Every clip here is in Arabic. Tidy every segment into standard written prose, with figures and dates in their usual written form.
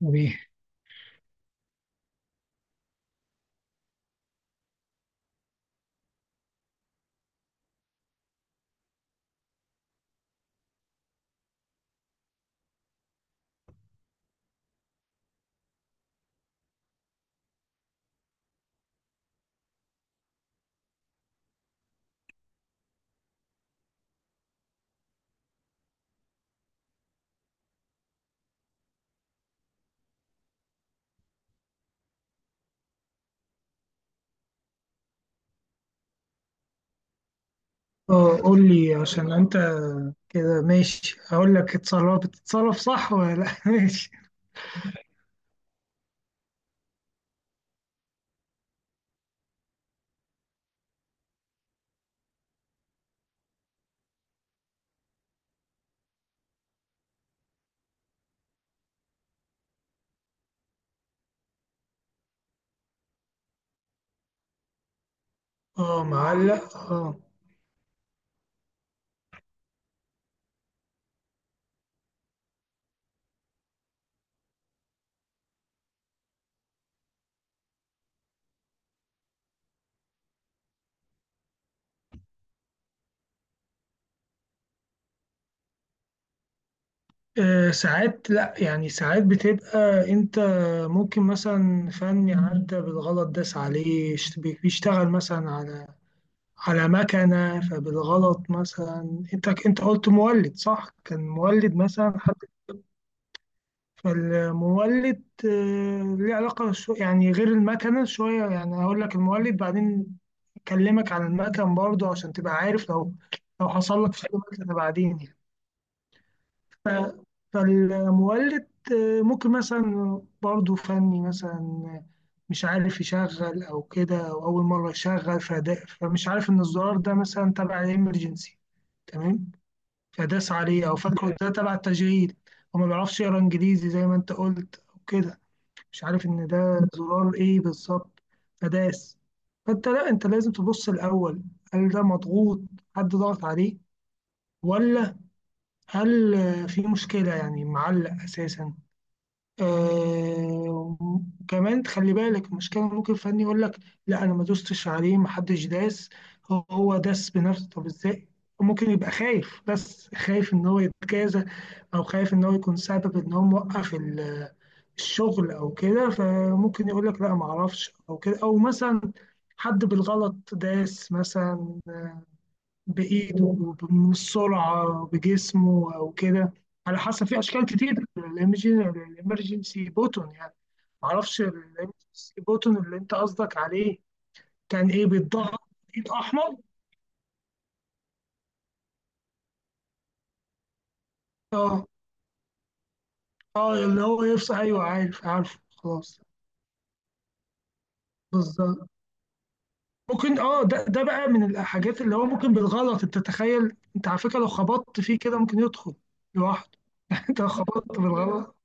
بيه. اه قول لي، عشان انت كده ماشي. هقول لك اتصرف، بتتصرف صح ولا لا؟ ماشي. اه، معلق، اه. ساعات لا، يعني ساعات بتبقى انت ممكن مثلا فني عدى بالغلط داس عليه، بيشتغل مثلا على مكنة. فبالغلط مثلا انت قلت مولد، صح؟ كان مولد مثلا. فالمولد ليه علاقة، شو يعني غير المكنة شوية. يعني هقول لك المولد بعدين، أكلمك عن المكن برضه عشان تبقى عارف لو حصل لك في أي مكنة بعدين يعني. ف- فالمولد ممكن مثلا برضه فني مثلا آه، مش عارف يشغل أو كده، أو أول مرة يشغل فده، فمش عارف إن الزرار ده مثلا تبع الإمرجنسي. تمام. فداس عليه أو فاكره ده تبع التشغيل. وما بيعرفش يقرا إنجليزي زي ما أنت قلت وكده، مش عارف ان ده زرار ايه بالظبط. فداس. فانت لا، انت لازم تبص الاول، هل ده مضغوط؟ حد ضغط عليه ولا؟ هل في مشكله يعني معلق اساسا؟ آه. كمان تخلي بالك المشكله ممكن فني يقول لك لا، انا ما دوستش عليه، ما حدش داس، هو داس بنفسه. طب ازاي؟ ممكن يبقى خايف، بس خايف ان هو يتجازى، او خايف ان هو يكون سبب ان هو موقف الشغل او كده. فممكن يقول لك لا، ما اعرفش، او كده، او مثلا حد بالغلط داس مثلا بايده من السرعه، بجسمه او كده. على حسب، في اشكال كتير الامرجنسي بوتون يعني. ما اعرفش الامرجنسي بوتون اللي انت قصدك عليه كان ايه بيتضغط. ايد احمر، اه. اه، اللي هو يفصل، ايوه، عارف، عارف، خلاص. بالظبط. ممكن، اه، ده بقى من الحاجات اللي هو ممكن بالغلط. انت تتخيل انت، على فكره، لو خبطت فيه كده ممكن يدخل لوحده. انت لو خبطت بالغلط،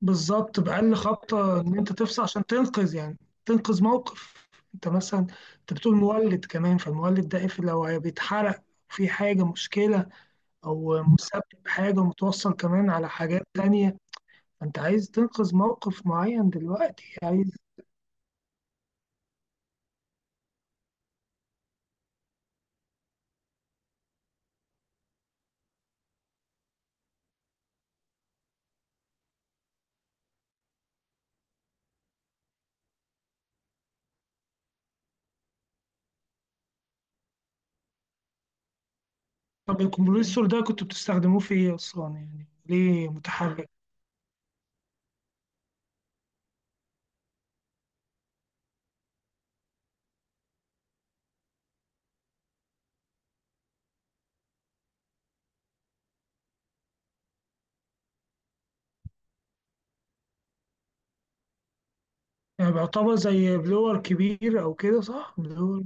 بالظبط، بأقل خبطه ان انت تفصل عشان تنقذ يعني. تنقذ موقف. انت مثلا، انت بتقول مولد كمان. فالمولد ده إيه؟ بيتحرق؟ في حاجه مشكله؟ او مسبب حاجه متوصل كمان على حاجات تانية؟ فانت عايز تنقذ موقف معين دلوقتي، عايز. طب الكمبريسور ده كنتوا بتستخدموه في ايه اصلا؟ يعني ليه متحرك؟ يعني بيعتبر زي بلور كبير أو كده، صح؟ بلور.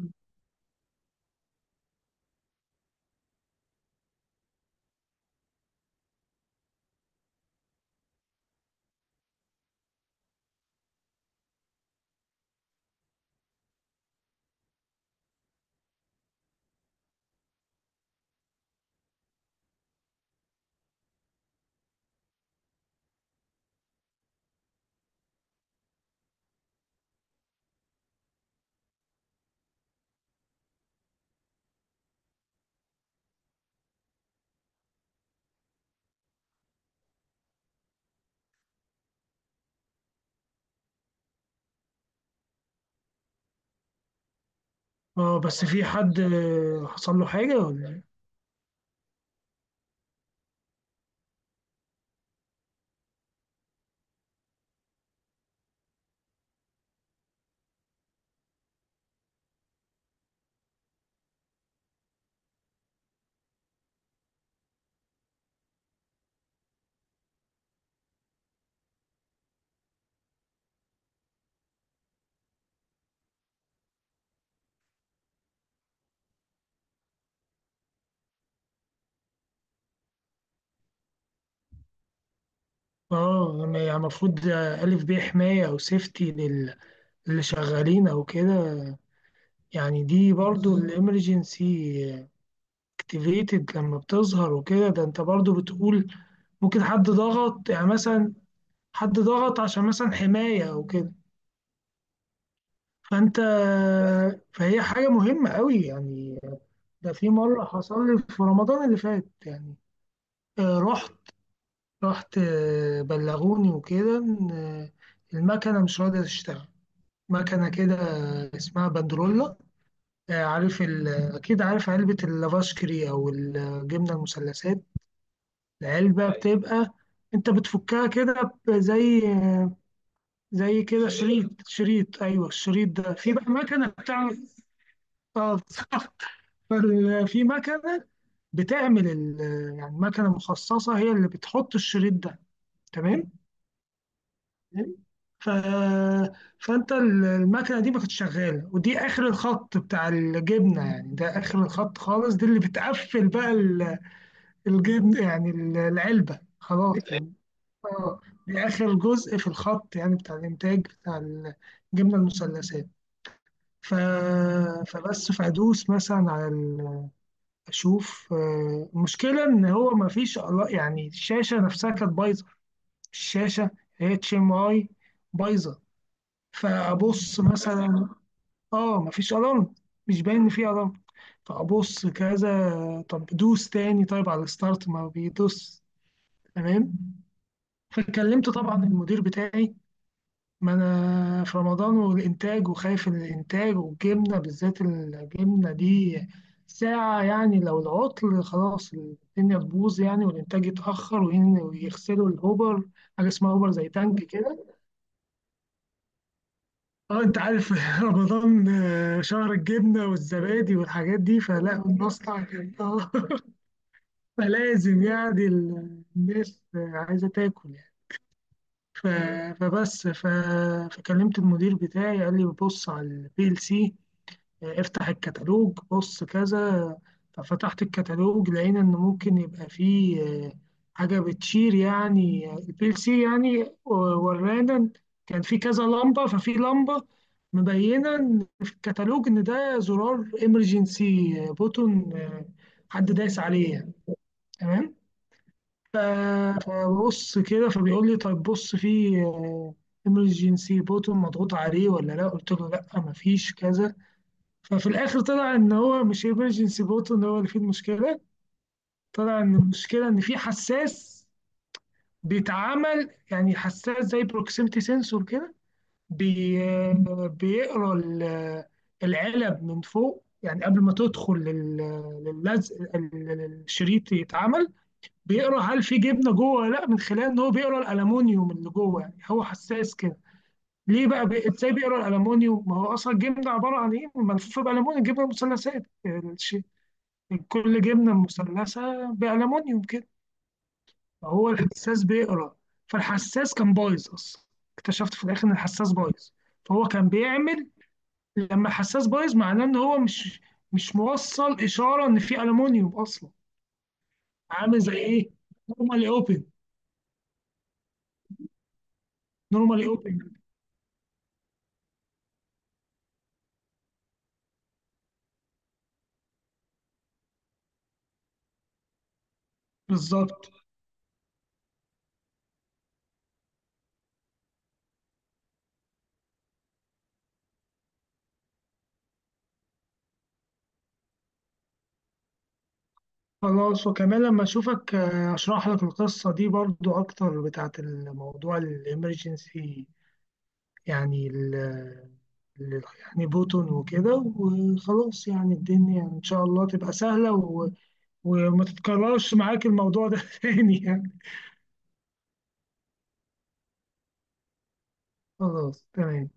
اه، بس في حد حصل له حاجة ولا إيه؟ اه، يعني المفروض ألف بيه حماية أو سيفتي للي شغالين أو كده. يعني دي برضو الإمرجنسي اكتيفيتد، لما بتظهر وكده، ده أنت برضو بتقول ممكن حد ضغط يعني مثلا، حد ضغط عشان مثلا حماية أو كده. فأنت، فهي حاجة مهمة قوي يعني. ده في مرة حصل لي في رمضان اللي فات يعني. آه، رحت رحت بلغوني وكده إن، المكنة مش راضية تشتغل. مكنة كده اسمها بندرولا. عارف ال... أكيد، عارف علبة اللافاشكري أو الجبنة المثلثات؟ العلبة، أيوة. بتبقى أنت بتفكها كده، زي زي كده، شريط، شريط، أيوه. الشريط ده في بقى مكنة بتعمل، بالظبط. في مكنة بتعمل، ال... يعني مكنة مخصصة هي اللي بتحط الشريط ده. تمام. ف... فانت المكنه دي ما كانتش شغاله، ودي اخر الخط بتاع الجبنه يعني. ده اخر الخط خالص، دي اللي بتقفل بقى الجبن يعني، العلبه خلاص يعني. اه، دي اخر جزء في الخط يعني، بتاع الانتاج بتاع الجبنه المثلثات. ف... فبس، فادوس مثلا على ال... اشوف المشكله ان هو ما فيش، يعني الشاشه نفسها كانت بايظه. الشاشه اتش ام اي بايظه. فابص مثلا، اه، مفيش الارم. مش باين ان في الارم. فابص كذا، طب دوس تاني طيب على الستارت، ما بيدوس. تمام. فكلمت طبعا المدير بتاعي، ما انا في رمضان، والانتاج، وخايف من الانتاج، والجبنه بالذات الجبنه دي ساعه يعني، لو العطل خلاص الدنيا تبوظ يعني، والانتاج يتاخر، ويغسلوا الهوبر، حاجه اسمها هوبر زي تانك كده. اه، انت عارف، رمضان شهر الجبنه والزبادي والحاجات دي، فلا المصنع كان اه، فلازم يعني الناس عايزه تاكل يعني. ف- فبس، فكلمت المدير بتاعي، قال لي بص على البي ال سي، يعني افتح الكتالوج بص كذا. ففتحت الكتالوج، لقينا ان ممكن يبقى فيه حاجه بتشير يعني البي ال سي، يعني ورانا إن كان في كذا لمبه، ففي لمبه مبينه إن في الكتالوج ان ده زرار امرجنسي بوتون، حد دايس عليه يعني. تمام. ف- فبص كده، فبيقول لي طيب بص في امرجنسي بوتون مضغوط عليه ولا لا؟ قلت له لا، مفيش كذا. ففي الاخر طلع ان هو مش ايمرجنسي بوتو ان هو اللي فيه المشكله. طلع ان المشكله ان في حساس بيتعمل، يعني حساس زي بروكسيمتي سنسور كده. بي، بيقرا العلب من فوق يعني، قبل ما تدخل للزق الشريط يتعمل. بيقرا هل في جبنه جوه ولا لا، من خلال ان هو بيقرا الالومنيوم اللي جوه. يعني هو حساس كده. ليه بقى بي، ازاي بيقرا الالومنيوم؟ ما هو اصلا الجبنه عباره عن ايه، ملفوفه بالالومنيوم. الجبنه مثلثات، من كل جبنة مثلثة بألمونيوم كده. فهو الحساس بيقرا. فالحساس كان بايظ أصلا، اكتشفت في الآخر إن الحساس بايظ. فهو كان بيعمل، لما الحساس بايظ معناه إن هو مش موصل إشارة إن في ألمونيوم أصلا. عامل زي إيه؟ نورمالي أوبن. نورمالي أوبن، بالظبط. خلاص، وكمان لما أشوفك أشرح لك القصة دي برضو أكتر، بتاعت الموضوع الإمرجنسي يعني، يعني بوتون وكده. وخلاص يعني الدنيا يعني إن شاء الله تبقى سهلة، و... وما تتكررش معاك الموضوع ده تاني يعني. خلاص، تمام.